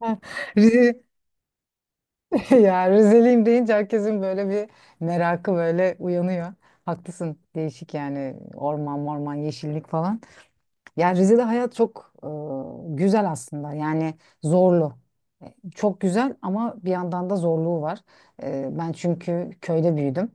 Rize, ya Rizeliyim deyince herkesin böyle bir merakı böyle uyanıyor. Haklısın. Değişik yani orman morman yeşillik falan. Ya Rize'de hayat çok güzel aslında. Yani zorlu. Çok güzel ama bir yandan da zorluğu var. Ben çünkü köyde büyüdüm.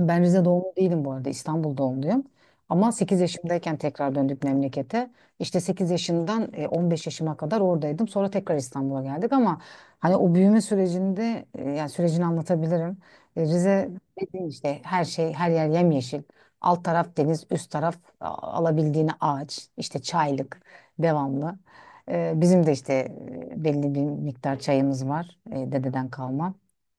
Ben Rize doğumlu değilim bu arada. İstanbul doğumluyum. Ama 8 yaşımdayken tekrar döndük memlekete. İşte 8 yaşından 15 yaşıma kadar oradaydım. Sonra tekrar İstanbul'a geldik ama hani o büyüme sürecinde yani sürecini anlatabilirim. Rize dediğin işte her şey her yer yemyeşil. Alt taraf deniz, üst taraf alabildiğine ağaç, işte çaylık devamlı. Bizim de işte belli bir miktar çayımız var dededen kalma.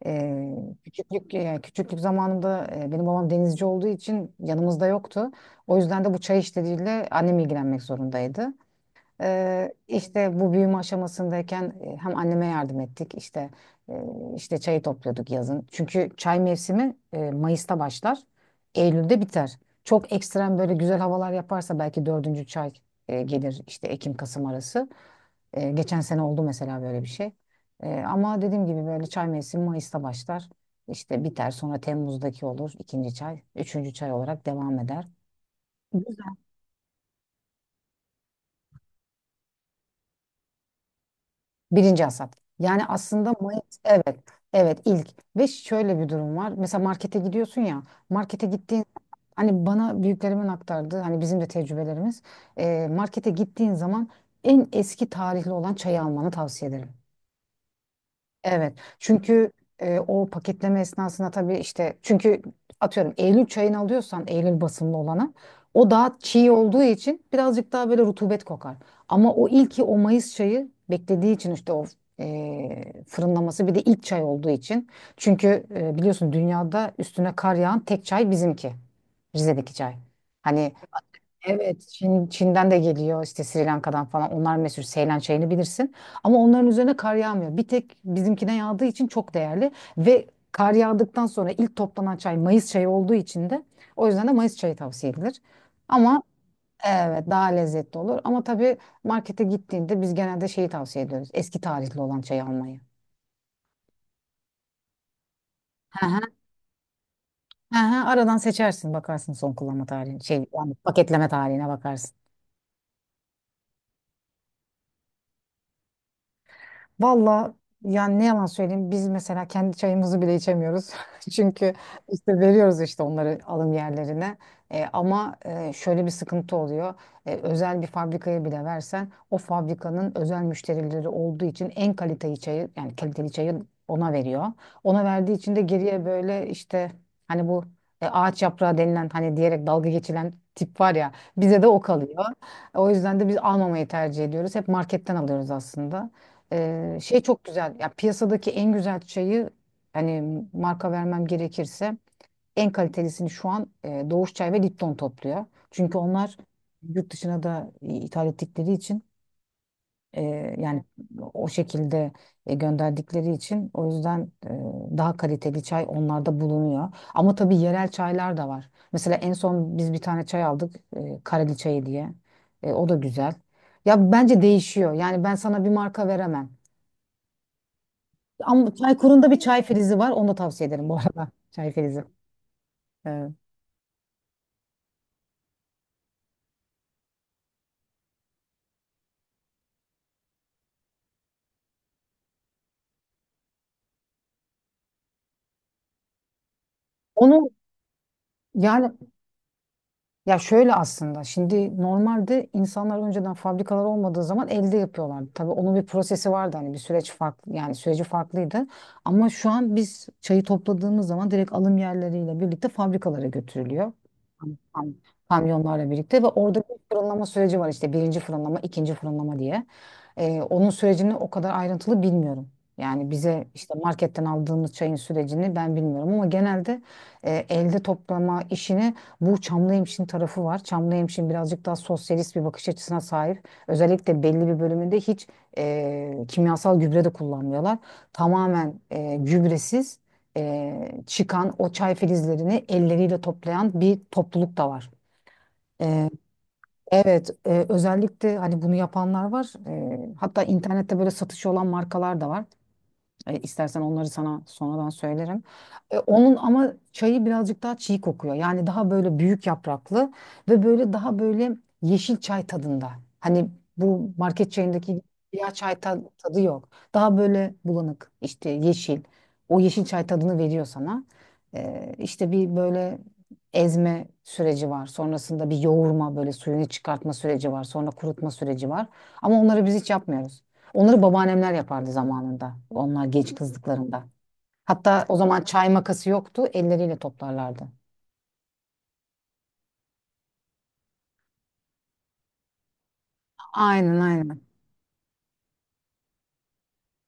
Ee, küçüklük yani küçüklük zamanımda benim babam denizci olduğu için yanımızda yoktu. O yüzden de bu çay işleriyle annem ilgilenmek zorundaydı. İşte bu büyüme aşamasındayken hem anneme yardım ettik e, işte çayı topluyorduk yazın. Çünkü çay mevsimi Mayıs'ta başlar, Eylül'de biter. Çok ekstrem böyle güzel havalar yaparsa belki dördüncü çay gelir işte Ekim-Kasım arası. Geçen sene oldu mesela böyle bir şey. Ama dediğim gibi böyle çay mevsimi Mayıs'ta başlar. İşte biter sonra Temmuz'daki olur ikinci çay. Üçüncü çay olarak devam eder. Güzel. Birinci hasat. Yani aslında Mayıs evet evet ilk ve şöyle bir durum var. Mesela markete gidiyorsun ya markete gittiğin hani bana büyüklerimin aktardığı hani bizim de tecrübelerimiz markete gittiğin zaman en eski tarihli olan çayı almanı tavsiye ederim. Evet. Çünkü o paketleme esnasında tabii işte çünkü atıyorum Eylül çayını alıyorsan Eylül basımlı olanı o daha çiğ olduğu için birazcık daha böyle rutubet kokar. Ama o ilki o Mayıs çayı beklediği için işte o fırınlaması bir de ilk çay olduğu için. Çünkü biliyorsun dünyada üstüne kar yağan tek çay bizimki. Rize'deki çay. Hani evet, Çin'den de geliyor işte Sri Lanka'dan falan. Onlar meşhur Seylan çayını bilirsin. Ama onların üzerine kar yağmıyor. Bir tek bizimkine yağdığı için çok değerli ve kar yağdıktan sonra ilk toplanan çay Mayıs çayı olduğu için de o yüzden de Mayıs çayı tavsiye edilir. Ama evet, daha lezzetli olur. Ama tabii markete gittiğinde biz genelde şeyi tavsiye ediyoruz. Eski tarihli olan çayı almayı. Hı hı, hı hı. Aradan seçersin bakarsın son kullanma tarihine şey yani paketleme tarihine bakarsın. Valla yani ne yalan söyleyeyim biz mesela kendi çayımızı bile içemiyoruz. Çünkü işte veriyoruz işte onları alım yerlerine. Ama şöyle bir sıkıntı oluyor. Özel bir fabrikaya bile versen o fabrikanın özel müşterileri olduğu için en kaliteli çayı yani kaliteli çayı ona veriyor. Ona verdiği için de geriye böyle işte hani bu ağaç yaprağı denilen hani diyerek dalga geçilen tip var ya bize de o kalıyor. O yüzden de biz almamayı tercih ediyoruz. Hep marketten alıyoruz aslında. Şey çok güzel. Ya piyasadaki en güzel çayı hani marka vermem gerekirse en kalitelisini şu an Doğuş Çay ve Lipton topluyor. Çünkü onlar yurt dışına da ithal ettikleri için e, yani o şekilde gönderdikleri için o yüzden daha kaliteli çay onlarda bulunuyor. Ama tabii yerel çaylar da var. Mesela en son biz bir tane çay aldık Kareli çayı diye. O da güzel. Ya bence değişiyor. Yani ben sana bir marka veremem. Ama Çaykur'un da bir çay frizi var. Onu da tavsiye ederim bu arada. Çay frizi. Evet. Onu yani Ya şöyle aslında şimdi normalde insanlar önceden fabrikalar olmadığı zaman elde yapıyorlardı. Tabii onun bir prosesi vardı hani bir süreç farklı yani süreci farklıydı. Ama şu an biz çayı topladığımız zaman direkt alım yerleriyle birlikte fabrikalara götürülüyor. Kam- kam- Kamyonlarla birlikte ve orada bir fırınlama süreci var işte birinci fırınlama, ikinci fırınlama diye. Onun sürecini o kadar ayrıntılı bilmiyorum. Yani bize işte marketten aldığımız çayın sürecini ben bilmiyorum ama genelde elde toplama işini bu Çamlıhemşin tarafı var. Çamlıhemşin birazcık daha sosyalist bir bakış açısına sahip. Özellikle belli bir bölümünde hiç kimyasal gübre de kullanmıyorlar. Tamamen gübresiz çıkan o çay filizlerini elleriyle toplayan bir topluluk da var. E, evet, özellikle hani bunu yapanlar var. Hatta internette böyle satışı olan markalar da var. E, istersen onları sana sonradan söylerim. Onun ama çayı birazcık daha çiğ kokuyor. Yani daha böyle büyük yapraklı ve böyle daha böyle yeşil çay tadında. Hani bu market çayındaki siyah çay tadı yok. Daha böyle bulanık işte yeşil. O yeşil çay tadını veriyor sana. E, işte bir böyle ezme süreci var. Sonrasında bir yoğurma böyle suyunu çıkartma süreci var. Sonra kurutma süreci var. Ama onları biz hiç yapmıyoruz. Onları babaannemler yapardı zamanında. Onlar genç kızlıklarında. Hatta o zaman çay makası yoktu. Elleriyle toplarlardı. Aynen, aynen.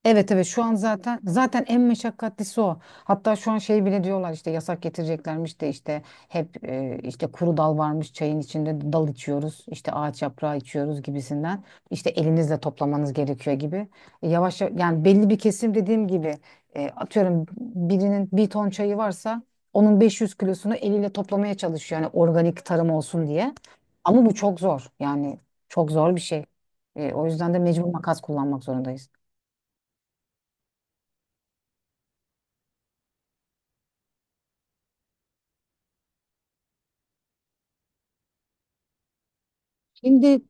Evet, evet, şu an zaten en meşakkatlisi o. Hatta şu an şey bile diyorlar işte yasak getireceklermiş de işte hep işte kuru dal varmış çayın içinde dal içiyoruz işte ağaç yaprağı içiyoruz gibisinden işte elinizle toplamanız gerekiyor gibi. Yavaş yavaş yani belli bir kesim dediğim gibi atıyorum birinin bir ton çayı varsa onun 500 kilosunu eliyle toplamaya çalışıyor yani organik tarım olsun diye. Ama bu çok zor yani çok zor bir şey. O yüzden de mecbur makas kullanmak zorundayız. Şimdi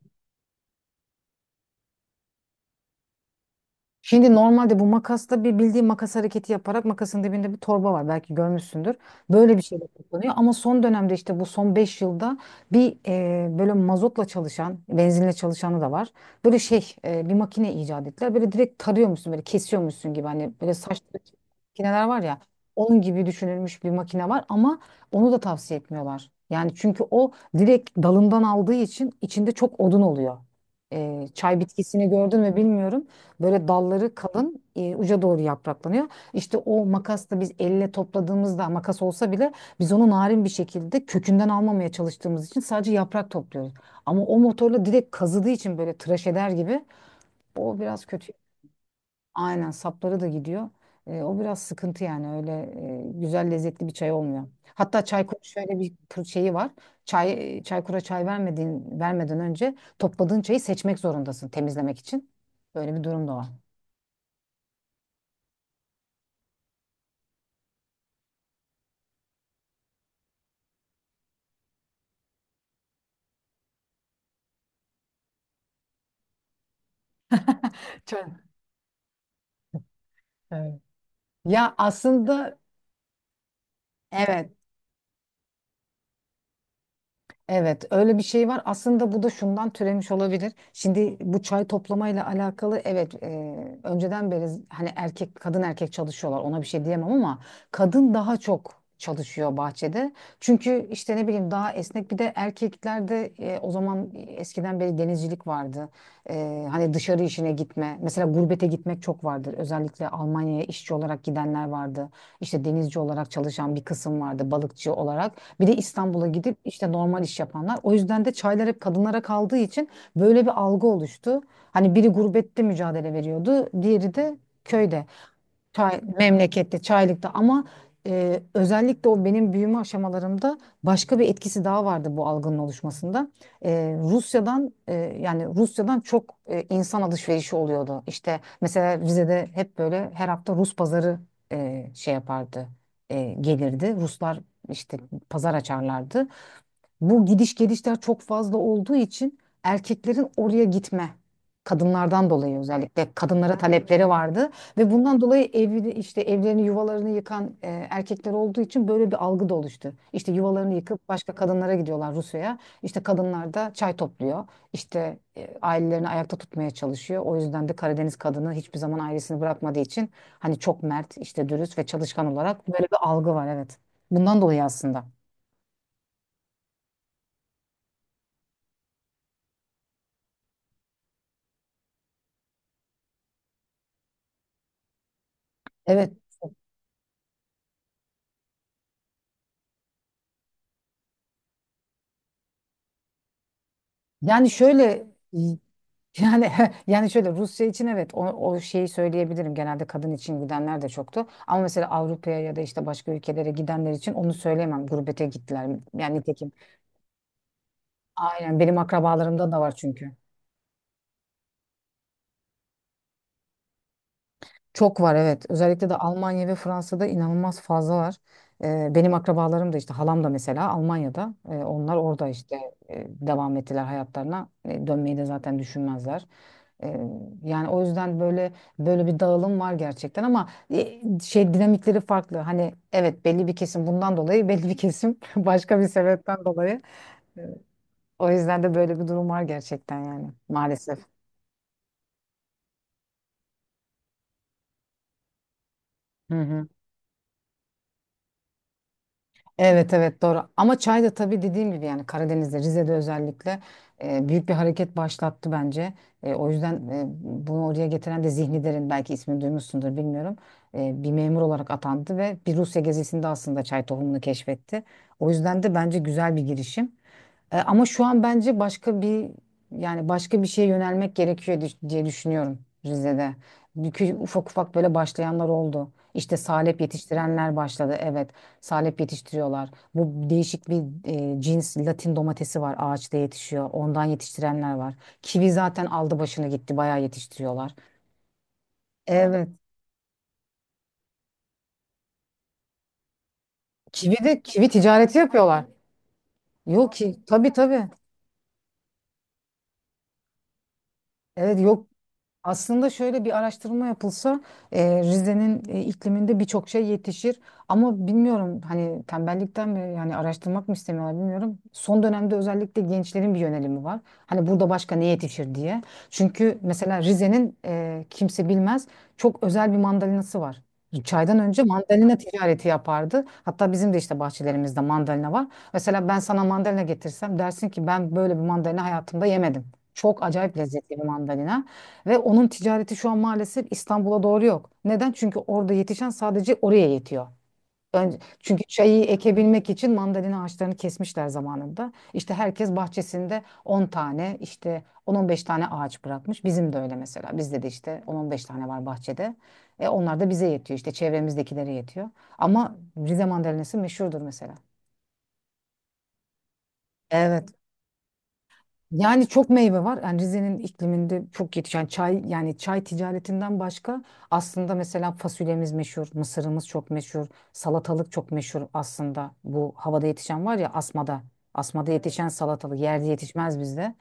Şimdi normalde bu makasta bir bildiğin makas hareketi yaparak makasın dibinde bir torba var belki görmüşsündür. Böyle bir şeyle kullanıyor ama son dönemde işte bu son 5 yılda bir böyle mazotla çalışan, benzinle çalışanı da var. Böyle şey bir makine icat ettiler. Böyle direkt tarıyormuşsun böyle kesiyormuşsun gibi hani böyle saç makineler var ya onun gibi düşünülmüş bir makine var ama onu da tavsiye etmiyorlar. Yani çünkü o direkt dalından aldığı için içinde çok odun oluyor. Çay bitkisini gördün mü bilmiyorum. Böyle dalları kalın, uca doğru yapraklanıyor. İşte o makasla biz elle topladığımızda makas olsa bile biz onu narin bir şekilde kökünden almamaya çalıştığımız için sadece yaprak topluyoruz. Ama o motorla direkt kazıdığı için böyle tıraş eder gibi o biraz kötü. Aynen, sapları da gidiyor. O biraz sıkıntı yani öyle güzel lezzetli bir çay olmuyor. Hatta Çaykur şöyle bir şeyi var. Çaykur'a çay vermeden önce topladığın çayı seçmek zorundasın temizlemek için. Böyle bir durum da var. Çay, Evet. Ya aslında evet, evet, öyle bir şey var. Aslında bu da şundan türemiş olabilir. Şimdi bu çay toplamayla alakalı evet, önceden beri hani erkek kadın erkek çalışıyorlar. Ona bir şey diyemem ama kadın daha çok çalışıyor bahçede. Çünkü işte ne bileyim daha esnek bir de erkeklerde o zaman eskiden beri denizcilik vardı. Hani dışarı işine gitme. Mesela gurbete gitmek çok vardır. Özellikle Almanya'ya işçi olarak gidenler vardı. İşte denizci olarak çalışan bir kısım vardı, balıkçı olarak. Bir de İstanbul'a gidip işte normal iş yapanlar. O yüzden de çaylar hep kadınlara kaldığı için böyle bir algı oluştu. Hani biri gurbette mücadele veriyordu, diğeri de köyde. Memlekette, Çaylık'ta ama özellikle o benim büyüme aşamalarımda başka bir etkisi daha vardı bu algının oluşmasında. E, Rusya'dan çok insan alışverişi oluyordu. İşte mesela Rize'de hep böyle her hafta Rus pazarı şey yapardı, gelirdi. Ruslar işte pazar açarlardı. Bu gidiş gelişler çok fazla olduğu için erkeklerin oraya gitme kadınlardan dolayı özellikle kadınlara talepleri vardı ve bundan dolayı evi işte evlerini yuvalarını yıkan erkekler olduğu için böyle bir algı da oluştu. İşte yuvalarını yıkıp başka kadınlara gidiyorlar Rusya'ya. İşte kadınlar da çay topluyor. İşte ailelerini ayakta tutmaya çalışıyor. O yüzden de Karadeniz kadını hiçbir zaman ailesini bırakmadığı için hani çok mert, işte dürüst ve çalışkan olarak böyle bir algı var, evet. Bundan dolayı aslında. Evet. Yani şöyle yani yani şöyle Rusya için evet, o şeyi söyleyebilirim. Genelde kadın için gidenler de çoktu. Ama mesela Avrupa'ya ya da işte başka ülkelere gidenler için onu söyleyemem. Gurbete gittiler. Yani nitekim. Aynen, benim akrabalarımda da var çünkü. Çok var, evet. Özellikle de Almanya ve Fransa'da inanılmaz fazla var. Benim akrabalarım da işte halam da mesela Almanya'da. Onlar orada işte devam ettiler hayatlarına. Dönmeyi de zaten düşünmezler. Ee, yani o yüzden böyle böyle bir dağılım var gerçekten ama şey dinamikleri farklı. Hani evet, belli bir kesim bundan dolayı belli bir kesim başka bir sebepten dolayı. O yüzden de böyle bir durum var gerçekten yani maalesef. Hı hı. Evet, evet, doğru ama çay da tabii dediğim gibi yani Karadeniz'de Rize'de özellikle büyük bir hareket başlattı bence. O yüzden bunu oraya getiren de Zihni Derin, belki ismini duymuşsundur bilmiyorum. Bir memur olarak atandı ve bir Rusya gezisinde aslında çay tohumunu keşfetti. O yüzden de bence güzel bir girişim. Ama şu an bence başka bir yani başka bir şeye yönelmek gerekiyor diye düşünüyorum Rize'de. Çünkü ufak ufak böyle başlayanlar oldu. İşte salep yetiştirenler başladı. Evet, salep yetiştiriyorlar. Bu değişik bir cins Latin domatesi var, ağaçta yetişiyor. Ondan yetiştirenler var. Kivi zaten aldı başını gitti, bayağı yetiştiriyorlar. Evet. Kivi de kivi ticareti yapıyorlar. Yok ki, tabii, tabii. Evet, yok, aslında şöyle bir araştırma yapılsa Rize'nin ikliminde birçok şey yetişir. Ama bilmiyorum hani tembellikten mi yani araştırmak mı istemiyorlar bilmiyorum. Son dönemde özellikle gençlerin bir yönelimi var. Hani burada başka ne yetişir diye. Çünkü mesela Rize'nin, kimse bilmez, çok özel bir mandalinası var. Çaydan önce mandalina ticareti yapardı. Hatta bizim de işte bahçelerimizde mandalina var. Mesela ben sana mandalina getirsem dersin ki ben böyle bir mandalina hayatımda yemedim. Çok acayip lezzetli bir mandalina. Ve onun ticareti şu an maalesef İstanbul'a doğru yok. Neden? Çünkü orada yetişen sadece oraya yetiyor. Önce, çünkü çayı ekebilmek için mandalina ağaçlarını kesmişler zamanında. İşte herkes bahçesinde 10 tane işte 10 on beş tane ağaç bırakmış. Bizim de öyle mesela. Bizde de işte on on beş tane var bahçede. Onlar da bize yetiyor. İşte çevremizdekilere yetiyor. Ama Rize mandalinası meşhurdur mesela. Evet. Yani çok meyve var. Yani Rize'nin ikliminde çok yetişen yani çay ticaretinden başka aslında mesela fasulyemiz meşhur, mısırımız çok meşhur, salatalık çok meşhur aslında. Bu havada yetişen var ya, asmada. Asmada yetişen salatalık yerde yetişmez bizde.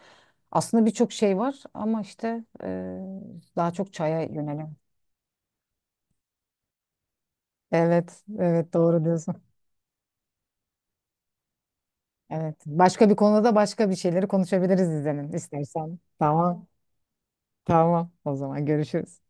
Aslında birçok şey var ama işte daha çok çaya yönelim. Evet, evet, doğru diyorsun. Evet. Başka bir konuda başka bir şeyleri konuşabiliriz izlenin istersen. Tamam, tamam. O zaman görüşürüz.